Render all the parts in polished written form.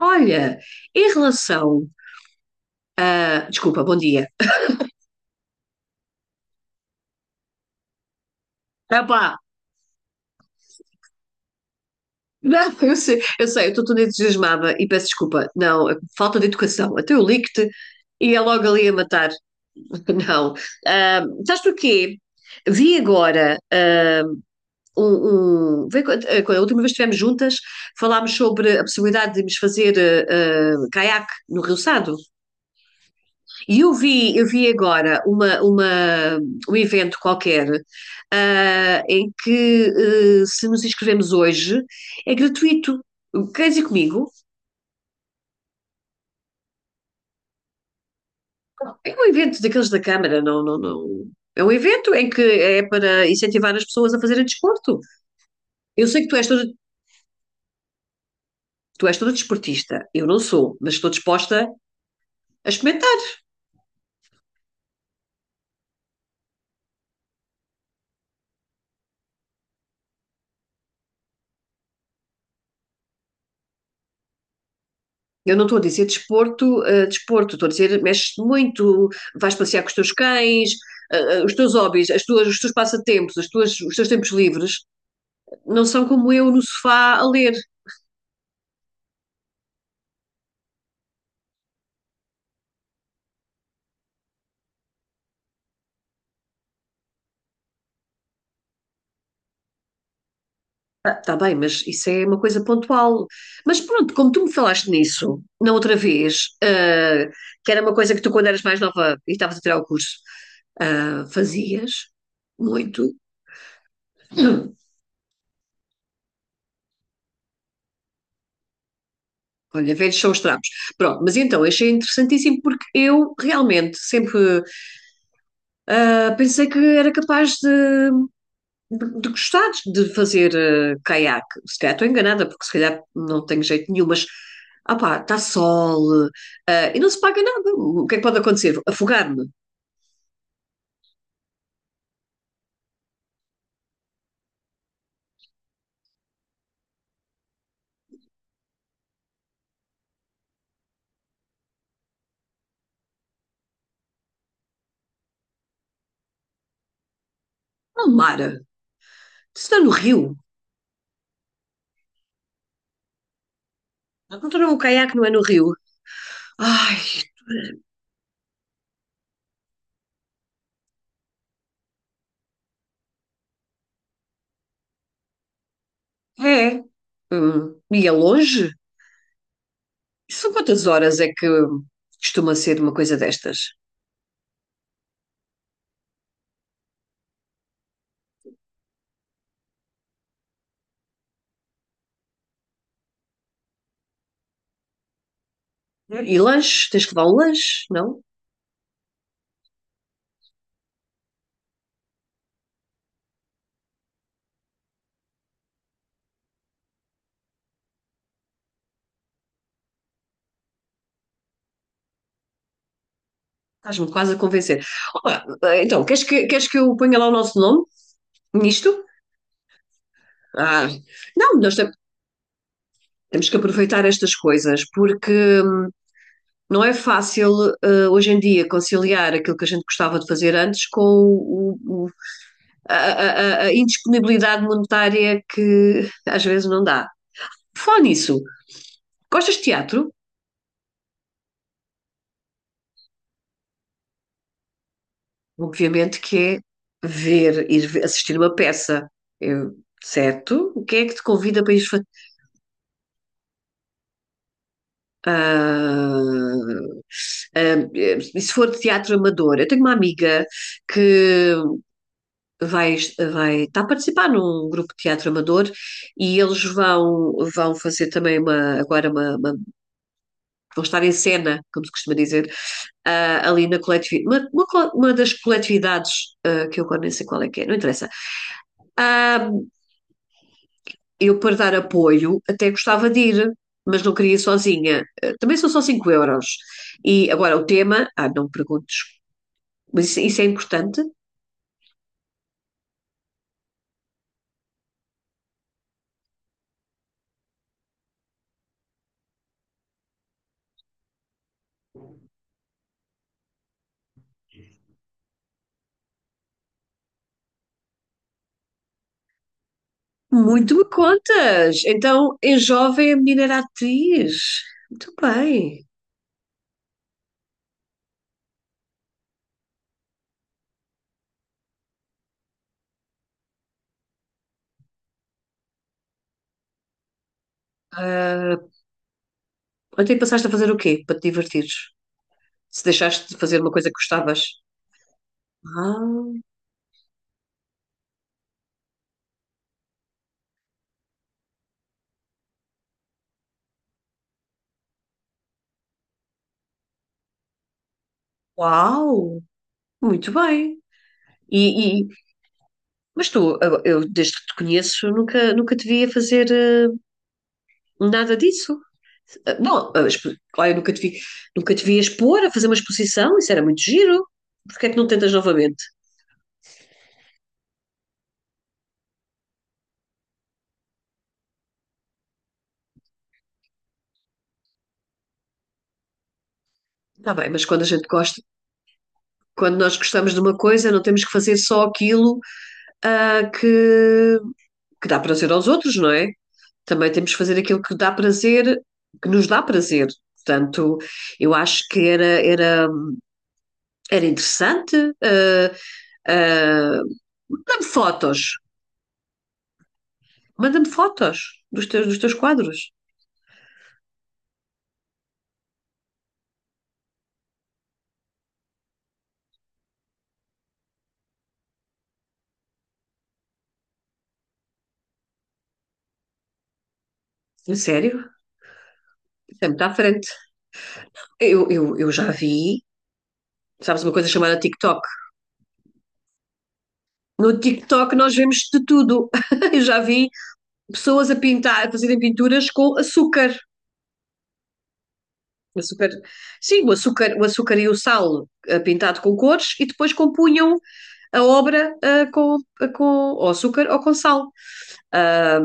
Olha, em relação a. Desculpa, bom dia. Ah, pá, não, eu sei, eu estou toda entusiasmada e peço desculpa. Não, falta de educação. Até eu ligo-te e é logo ali a matar. Não. Ah, sabes porquê? Vi agora quando a última vez que estivemos juntas, falámos sobre a possibilidade de nos fazer caiaque no Rio Sado. E eu vi agora um evento qualquer, em que, se nos inscrevemos hoje, é gratuito. Queres ir comigo? É um evento daqueles da Câmara, não. É um evento em que é para incentivar as pessoas a fazerem desporto. Eu sei que tu és toda desportista. Eu não sou, mas estou disposta a experimentar. Eu não estou a dizer desporto, desporto, estou a dizer mexes-te muito, vais passear com os teus cães, os teus hobbies, os teus passatempos, os teus tempos livres, não são como eu no sofá a ler. Está bem, mas isso é uma coisa pontual. Mas pronto, como tu me falaste nisso, na outra vez, que era uma coisa que tu, quando eras mais nova e estavas a tirar o curso, fazias muito. Hum. Olha, velhos são os trapos. Pronto, mas então achei interessantíssimo porque eu realmente sempre pensei que era capaz de gostar de fazer caiaque. Se calhar estou enganada, porque se calhar não tenho jeito nenhum, mas está sol, e não se paga nada. O que é que pode acontecer? Afogar-me no mar. Se está no rio. Não estou num caiaque, não é no rio. Ai, é. E é longe? São quantas horas é que costuma ser uma coisa destas? E lanche? Tens que levar um lanche, não? Estás-me quase a convencer. Olá, então, queres que eu ponha lá o nosso nome nisto? Ah, não, temos que aproveitar estas coisas, porque não é fácil hoje em dia conciliar aquilo que a gente gostava de fazer antes com a indisponibilidade monetária que às vezes não dá. Por falar nisso, gostas de teatro? Obviamente que é ver, assistir uma peça, Eu- certo? O que é que te convida para ir? Uh, Se for de teatro amador, eu tenho uma amiga que vai, vai está a participar num grupo de teatro amador e eles vão fazer também uma, agora uma vão estar em cena, como se costuma dizer, ali na coletividade, uma das coletividades que eu agora nem sei qual é que é, não interessa. Uh, eu para dar apoio até gostava de ir, mas não queria ir sozinha. Eh, também são só 5 euros. E agora o tema, ah, não me perguntes, mas isso é importante? Muito me contas. Então, em jovem, a menina era atriz. Muito bem. Ah, ontem passaste a fazer o quê para te divertires? Se deixaste de fazer uma coisa que gostavas? Ah, uau! Muito bem. E, e- mas tu, eu desde que te conheço, nunca te vi a fazer, nada disso. Ah, bom, claro, eu nunca te vi, nunca te vi expor, a fazer uma exposição, isso era muito giro. Porquê é que não tentas novamente? Está bem, mas quando a gente gosta, quando nós gostamos de uma coisa, não temos que fazer só aquilo ah, que, que dá prazer aos outros, não é? Também temos que fazer aquilo que dá prazer, que nos dá prazer. Portanto, eu acho que era interessante. ah, ah, Manda-me fotos, manda-me fotos dos teus quadros. A sério? Isso é muito à frente. Eu já vi, sabes, uma coisa chamada TikTok. No TikTok nós vemos de tudo. Eu já vi pessoas a pintar, a fazerem pinturas com açúcar. Açúcar, sim, o açúcar e o sal, pintado com cores e depois compunham a obra, com ou açúcar ou com sal. Ah,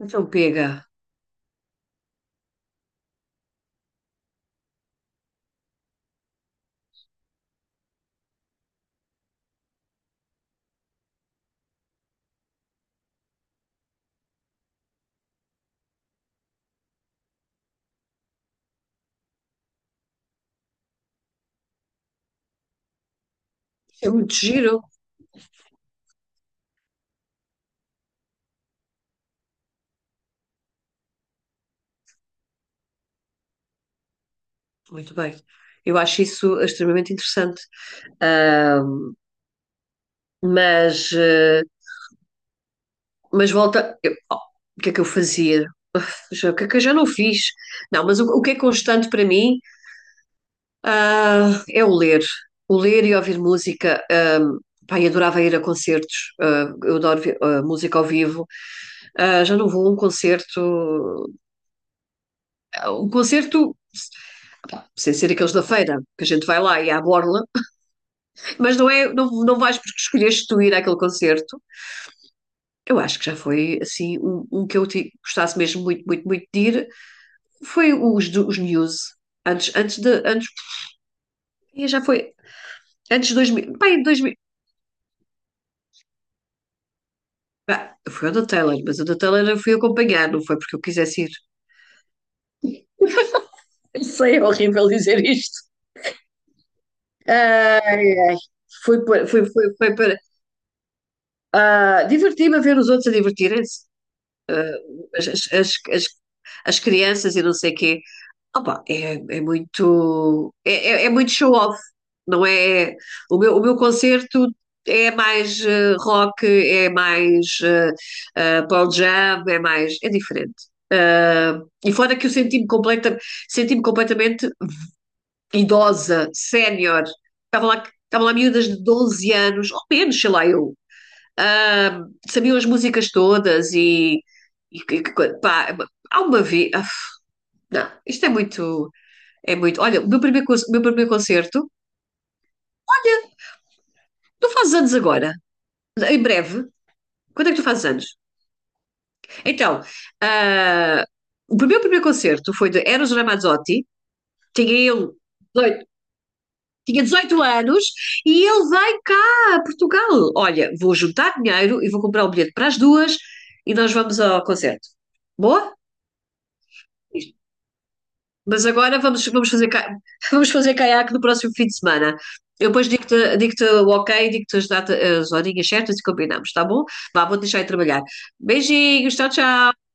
então pega. É muito giro. Muito bem. Eu acho isso extremamente interessante. Ah, mas eh, Mas volta. Oh, o que é que eu fazia? O que é que eu já não fiz? Não, mas o que é constante para mim, ah, é o ler. O ler e ouvir música. Pá, eu adorava ir a concertos. Eu adoro música ao vivo. Ah, já não vou a um concerto. A um concerto. Sem ser aqueles da feira, que a gente vai lá e à borla, mas não é, não, não vais porque escolheste tu ir àquele concerto. Eu acho que já foi assim um que gostasse mesmo muito de ir, foi os Muse. Antes, antes de. Antes, e já foi. Antes de 2000. Bem, 2000. Bah, foi o da Taylor, mas o da Taylor eu fui acompanhar, não foi porque eu quisesse ir. Eu sei, é horrível dizer isto. Ai, ai. Foi para divertir-me a ver os outros a divertirem-se. as, as, as, as, As crianças e não sei quê. Opa, é muito show off, não é? O meu concerto é mais, rock, é mais Pearl Jam, é mais é diferente. Ah, e fora que senti-me completamente idosa, sénior. Estavam lá miúdas de 12 anos, ou menos, sei lá, sabiam as músicas todas e, pá, há uma vez. Ah, Não, isto é muito. É muito. Olha, o meu primeiro concerto. Olha, tu fazes anos agora, em breve. Quando é que tu fazes anos? Então, ah, o meu primeiro concerto foi de Eros Ramazzotti, tinha ele 18, tinha 18 anos e ele vem cá a Portugal. Olha, vou juntar dinheiro e vou comprar o bilhete para as duas e nós vamos ao concerto. Boa? Mas agora vamos fazer, vamos fazer caiaque no próximo fim de semana. Eu depois digo-te o ok, digo-te as as horinhas certas e combinamos, tá bom? Vá, vou deixar de trabalhar. Beijinhos, tchau, tchau.